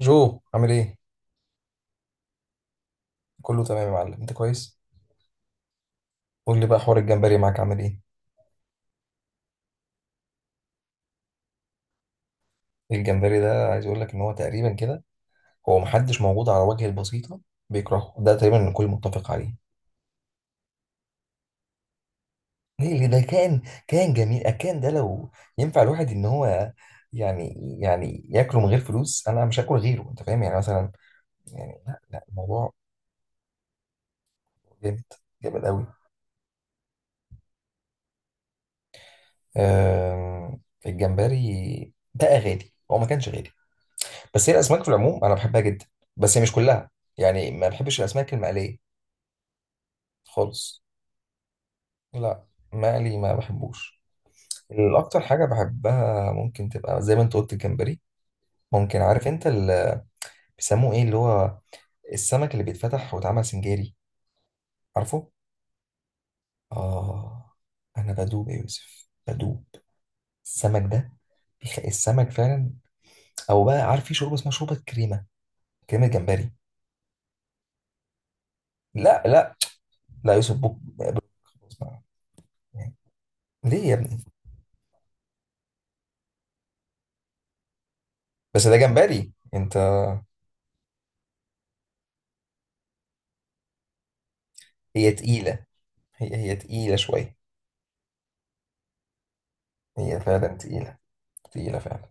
جو عامل ايه؟ كله تمام يا معلم، انت كويس؟ قول لي بقى، حوار الجمبري معاك عامل ايه؟ الجمبري ده، عايز اقول لك ان هو تقريبا كده، هو محدش موجود على وجه البسيطة بيكرهه، ده تقريبا الكل متفق عليه. ليه؟ ليه؟ ده كان، كان جميل، كان ده لو ينفع الواحد ان هو، يعني، يعني ياكله من غير فلوس انا مش هاكل غيره، انت فاهم يعني؟ مثلا يعني لا لا، الموضوع جامد، جامد قوي. أم، الجمبري بقى غالي، هو ما كانش غالي؟ بس هي الاسماك في العموم انا بحبها جدا، بس هي مش كلها. يعني ما بحبش الاسماك المقليه خالص. لا، مقلي ما بحبوش. الاكتر حاجه بحبها ممكن تبقى زي ما انت قلت، الجمبري. ممكن، عارف انت اللي بيسموه ايه؟ اللي هو السمك اللي بيتفتح واتعمل سنجاري، عارفه؟ اه، انا بدوب يا يوسف، بدوب. السمك ده، السمك فعلا. او بقى، عارف في شوربه اسمها شوربه كريمه؟ كريمه جمبري. لا لا، لا يا يوسف بوك. خلاص بقى. يعني، ليه يا ابني؟ بس ده جمبري انت. هي تقيلة، هي تقيلة شوية. هي فعلا تقيلة، تقيلة فعلا.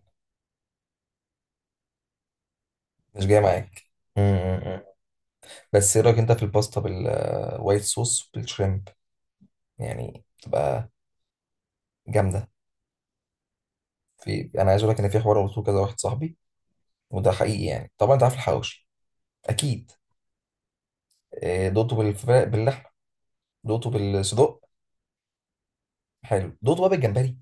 مش جاية معاك. م- م- م. بس ايه رأيك انت في الباستا بالوايت صوص بالشريمب؟ يعني تبقى جامدة. في، انا عايز اقول لك ان في حوار قلته كذا واحد صاحبي، وده حقيقي يعني. طبعا انت عارف الحواوشي اكيد. دوقته بالفراخ، باللحمة، دوقته بالصدق. حلو، دوقته بقى بالجمبري.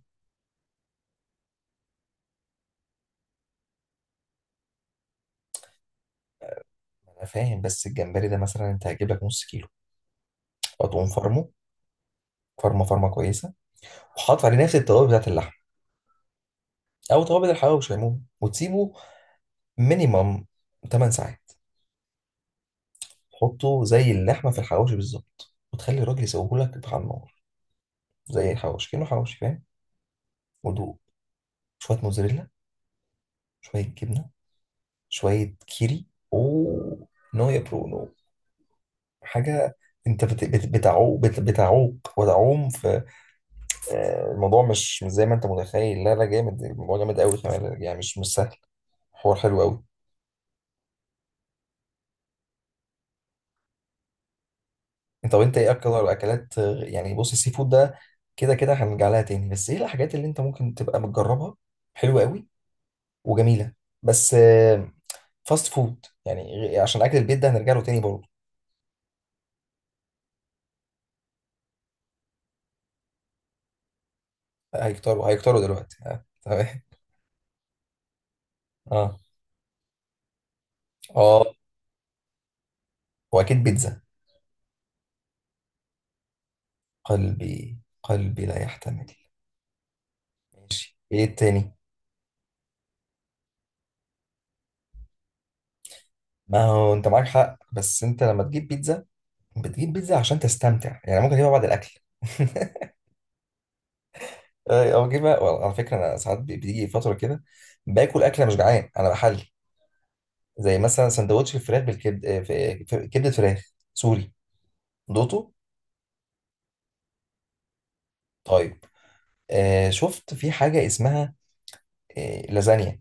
انا فاهم، بس الجمبري ده مثلا انت هتجيب لك نص كيلو وتقوم فرمه، فرمه فرمه كويسه، وحاطط عليه نفس التوابل بتاعت اللحمه او توابل الحواوشي عموما، وتسيبه مينيمم 8 ساعات. تحطه زي اللحمه في الحواوشي بالظبط، وتخلي الراجل يسويه لك على النار زي الحواوشي، كأنه حواوشي، فاهم؟ ودوق شويه موزاريلا، شويه جبنه، شويه كيري. اوه، نو يا برونو. حاجه، انت بتعوق، بتعوق وتعوم في، الموضوع مش، مش زي ما انت متخيل، لا لا، جامد الموضوع، جامد قوي كمان يعني، مش، مش سهل. حوار حلو قوي. طب انت ايه اكتر اكلات يعني؟ بص، السي فود ده كده كده هنرجع لها تاني، بس ايه الحاجات اللي انت ممكن تبقى بتجربها حلوه قوي وجميله؟ بس فاست فود يعني، عشان اكل البيت ده هنرجع له تاني برضه. هيكتروا هيكتروا دلوقتي، تمام. اه، اه، واكيد بيتزا. قلبي، قلبي لا يحتمل. ماشي، ايه التاني؟ ما هو انت معاك حق، بس انت لما تجيب بيتزا، بتجيب بيتزا عشان تستمتع يعني، ممكن تجيبها بعد الاكل. او جيب، على فكره انا ساعات، بتيجي فتره كده باكل اكله مش جعان، انا بحل زي مثلا سندوتش الفراخ بالكبد، كبده فراخ. سوري، دوتو. طيب، آه شفت في حاجه اسمها آه لازانيا؟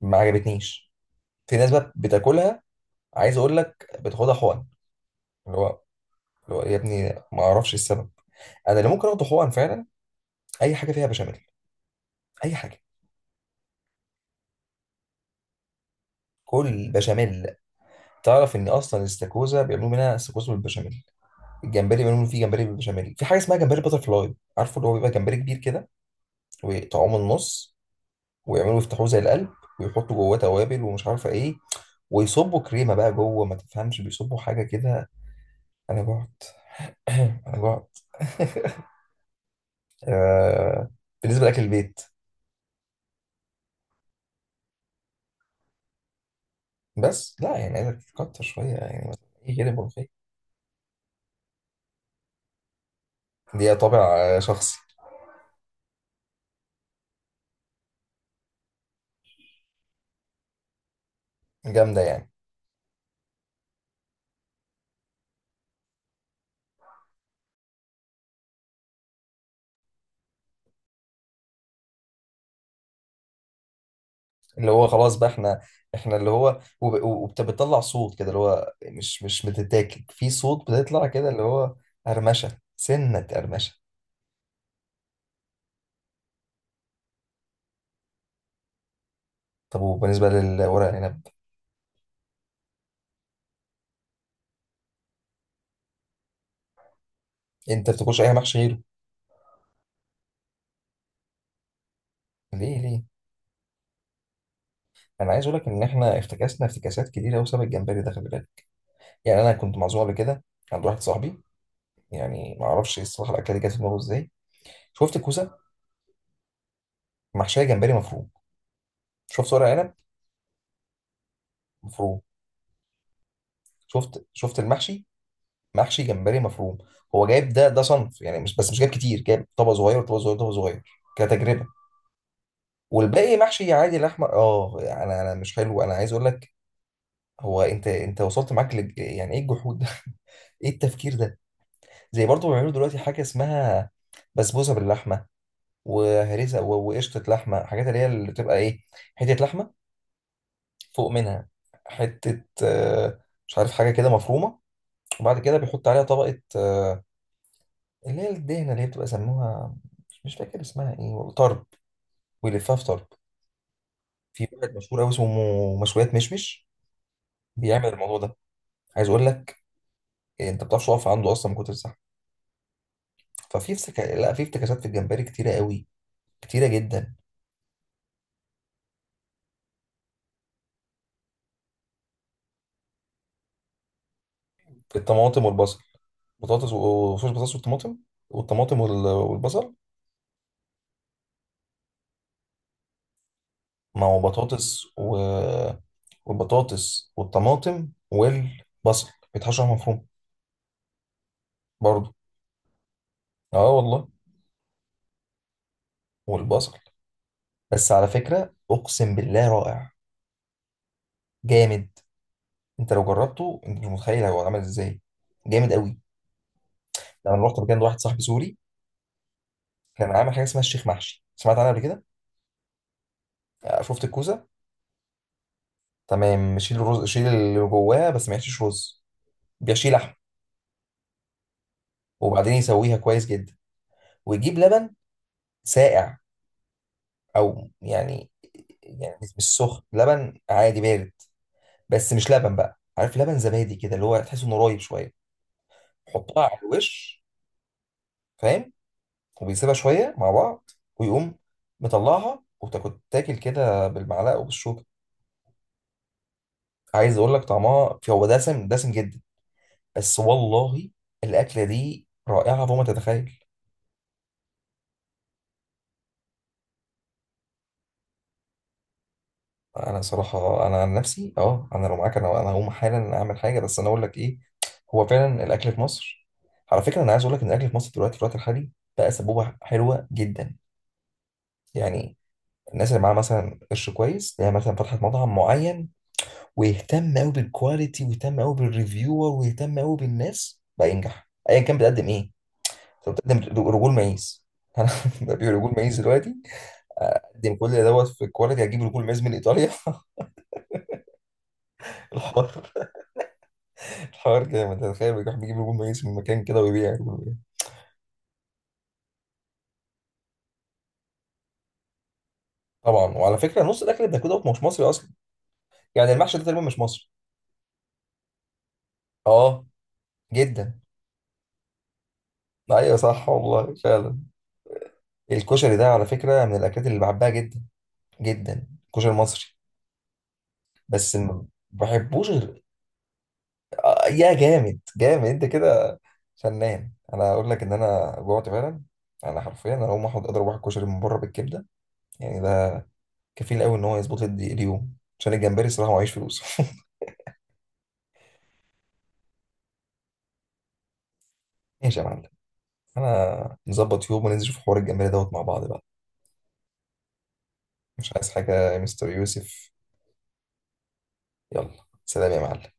ما عجبتنيش. في ناس بقى بتاكلها، عايز اقول لك بتاخدها حقن. اللي هو، اللي هو يا ابني ما اعرفش السبب. انا اللي ممكن اخده حقن فعلا اي حاجه فيها بشاميل، اي حاجه. كل بشاميل. تعرف ان اصلا الاستاكوزا بيعملوا منها استاكوزا بالبشاميل، الجمبري منهم في جمبري بالبشاميل، في حاجه اسمها جمبري باتر فلاي، عارفه؟ اللي هو بيبقى جمبري كبير كده ويقطعوه من النص، ويعملوا يفتحوه زي القلب، ويحطوا جواه توابل ومش عارفه ايه، ويصبوا كريمه بقى جوه، ما تفهمش، بيصبوا حاجه كده. انا جعت. انا جعت. آه، بالنسبه لاكل البيت، بس لا يعني عايزك تكتر شويه يعني، مثلا ايه كده؟ ملوخيه، دي طابع شخصي، جامده يعني. اللي هو خلاص بقى، احنا، احنا اللي هو، وبتطلع صوت كده، اللي هو مش، مش بتتاكل في صوت، بتطلع كده اللي هو قرمشه، سنه قرمشه. طب وبالنسبه للورق العنب، انت بتاكلش اي محشي غيره؟ ليه؟ ليه؟ انا عايز اقول لك ان احنا افتكاسنا افتكاسات كتيره بسبب الجمبري ده، خلي بالك. يعني انا كنت معزوم قبل كده عند واحد صاحبي، يعني ما اعرفش الصراحه الاكله دي جت في دماغه ازاي. شفت الكوسه؟ محشيه جمبري مفروم. شفت ورق عنب؟ مفروم. شفت، شفت المحشي؟ محشي جمبري مفروم. هو جايب ده، صنف يعني، مش بس، مش جايب كتير، جايب طبق صغير، طبق صغير، طبق صغير كتجربه، والباقي محشي عادي لحمه. اه انا مش حلو، انا عايز اقول لك، هو انت، انت وصلت معاك يعني ايه الجحود ده؟ ايه التفكير ده؟ زي برضه بيعملوا دلوقتي حاجه اسمها بسبوسه باللحمه، وهريسه وقشطه لحمه، حاجات اللي هي اللي بتبقى ايه، حته لحمه فوق منها، حته مش عارف، حاجه كده مفرومه، وبعد كده بيحط عليها طبقه اللي هي الدهنة، اللي هي بتبقى سموها، مش، مش فاكر اسمها ايه والله، طرب. ويلفها في طرب. في واحد مشهور قوي اسمه مشويات مشمش، بيعمل الموضوع ده. عايز اقول لك انت ما بتعرفش تقف عنده اصلا من كتر الزحمه. ففي افتكا... لا في افتكاسات في الجمبري كتيره قوي، كتيره جدا. في الطماطم والبصل، بطاطس وصوص، بطاطس والطماطم، والطماطم وال- والبصل، ما هو بطاطس و... والبطاطس والطماطم والبصل بيتحشر مفروم برضه. اه والله. والبصل بس، على فكرة أقسم بالله رائع، جامد. أنت لو جربته أنت مش متخيل هو عمل إزاي، جامد قوي. أنا رحت مكان واحد صاحبي سوري، كان عامل حاجة اسمها الشيخ محشي، سمعت عنها قبل كده؟ شفت الكوسة؟ تمام، شيل الرز، شيل اللي جواها، بس ما يحشيش رز، بيحشي لحم. وبعدين يسويها كويس جدا، ويجيب لبن ساقع، أو يعني، يعني مش، مش سخن، لبن عادي بارد. بس مش لبن بقى، عارف لبن زبادي كده، اللي هو تحس إنه رايب شوية؟ حطها على الوش، فاهم؟ وبيسيبها شوية مع بعض، ويقوم مطلعها، وتاكل تاكل كده بالمعلقة وبالشوكة. عايز أقول لك، طعمها في، هو دسم، دسم جدا، بس والله الأكلة دي رائعة فوق ما تتخيل. أنا صراحة أنا عن نفسي أه، أنا لو معاك أنا هقوم حالا أعمل حاجة. بس أنا أقول لك إيه، هو فعلا الأكل في مصر، على فكرة أنا عايز أقول لك إن الأكل في مصر دلوقتي، في الوقت الحالي، بقى سبوبة حلوة جدا، يعني. الناس اللي معاها مثلا قرش كويس، اللي هي مثلا فتحت مطعم معين ويهتم قوي بالكواليتي، ويهتم قوي بالريفيور، ويهتم قوي بالناس، بقى ينجح ايا كان بتقدم ايه. انت بتقدم رجول مايز. انا ببيع رجول مايز دلوقتي، اقدم كل دوت في الكواليتي، هجيب رجول مايز من ايطاليا. الحوار، الحوار جامد. تخيل بيروح بيجيب رجول مايز من مكان كده ويبيع رجول مايز. طبعا، وعلى فكره نص الاكل اللي بناكله ده مش مصري اصلا، يعني المحشي ده تقريبا مش مصري. اه، جدا. ايوه صح والله فعلا. الكشري ده على فكره من الاكلات اللي بحبها جدا، جدا، الكشري المصري. بس ما بحبوش غير، يا جامد، جامد انت كده، فنان. انا اقول لك ان انا جوعت فعلا، انا حرفيا انا هقوم احط، اضرب واحد كشري من بره بالكبده. يعني ده كفيل قوي ان هو يظبط لي اليوم، عشان الجمبري صراحه معيش فلوس. ماشي يا معلم، انا نظبط يوم وننزل في حوار الجمبري دوت مع بعض بقى. مش عايز حاجه يا مستر يوسف. يلا، سلام يا معلم.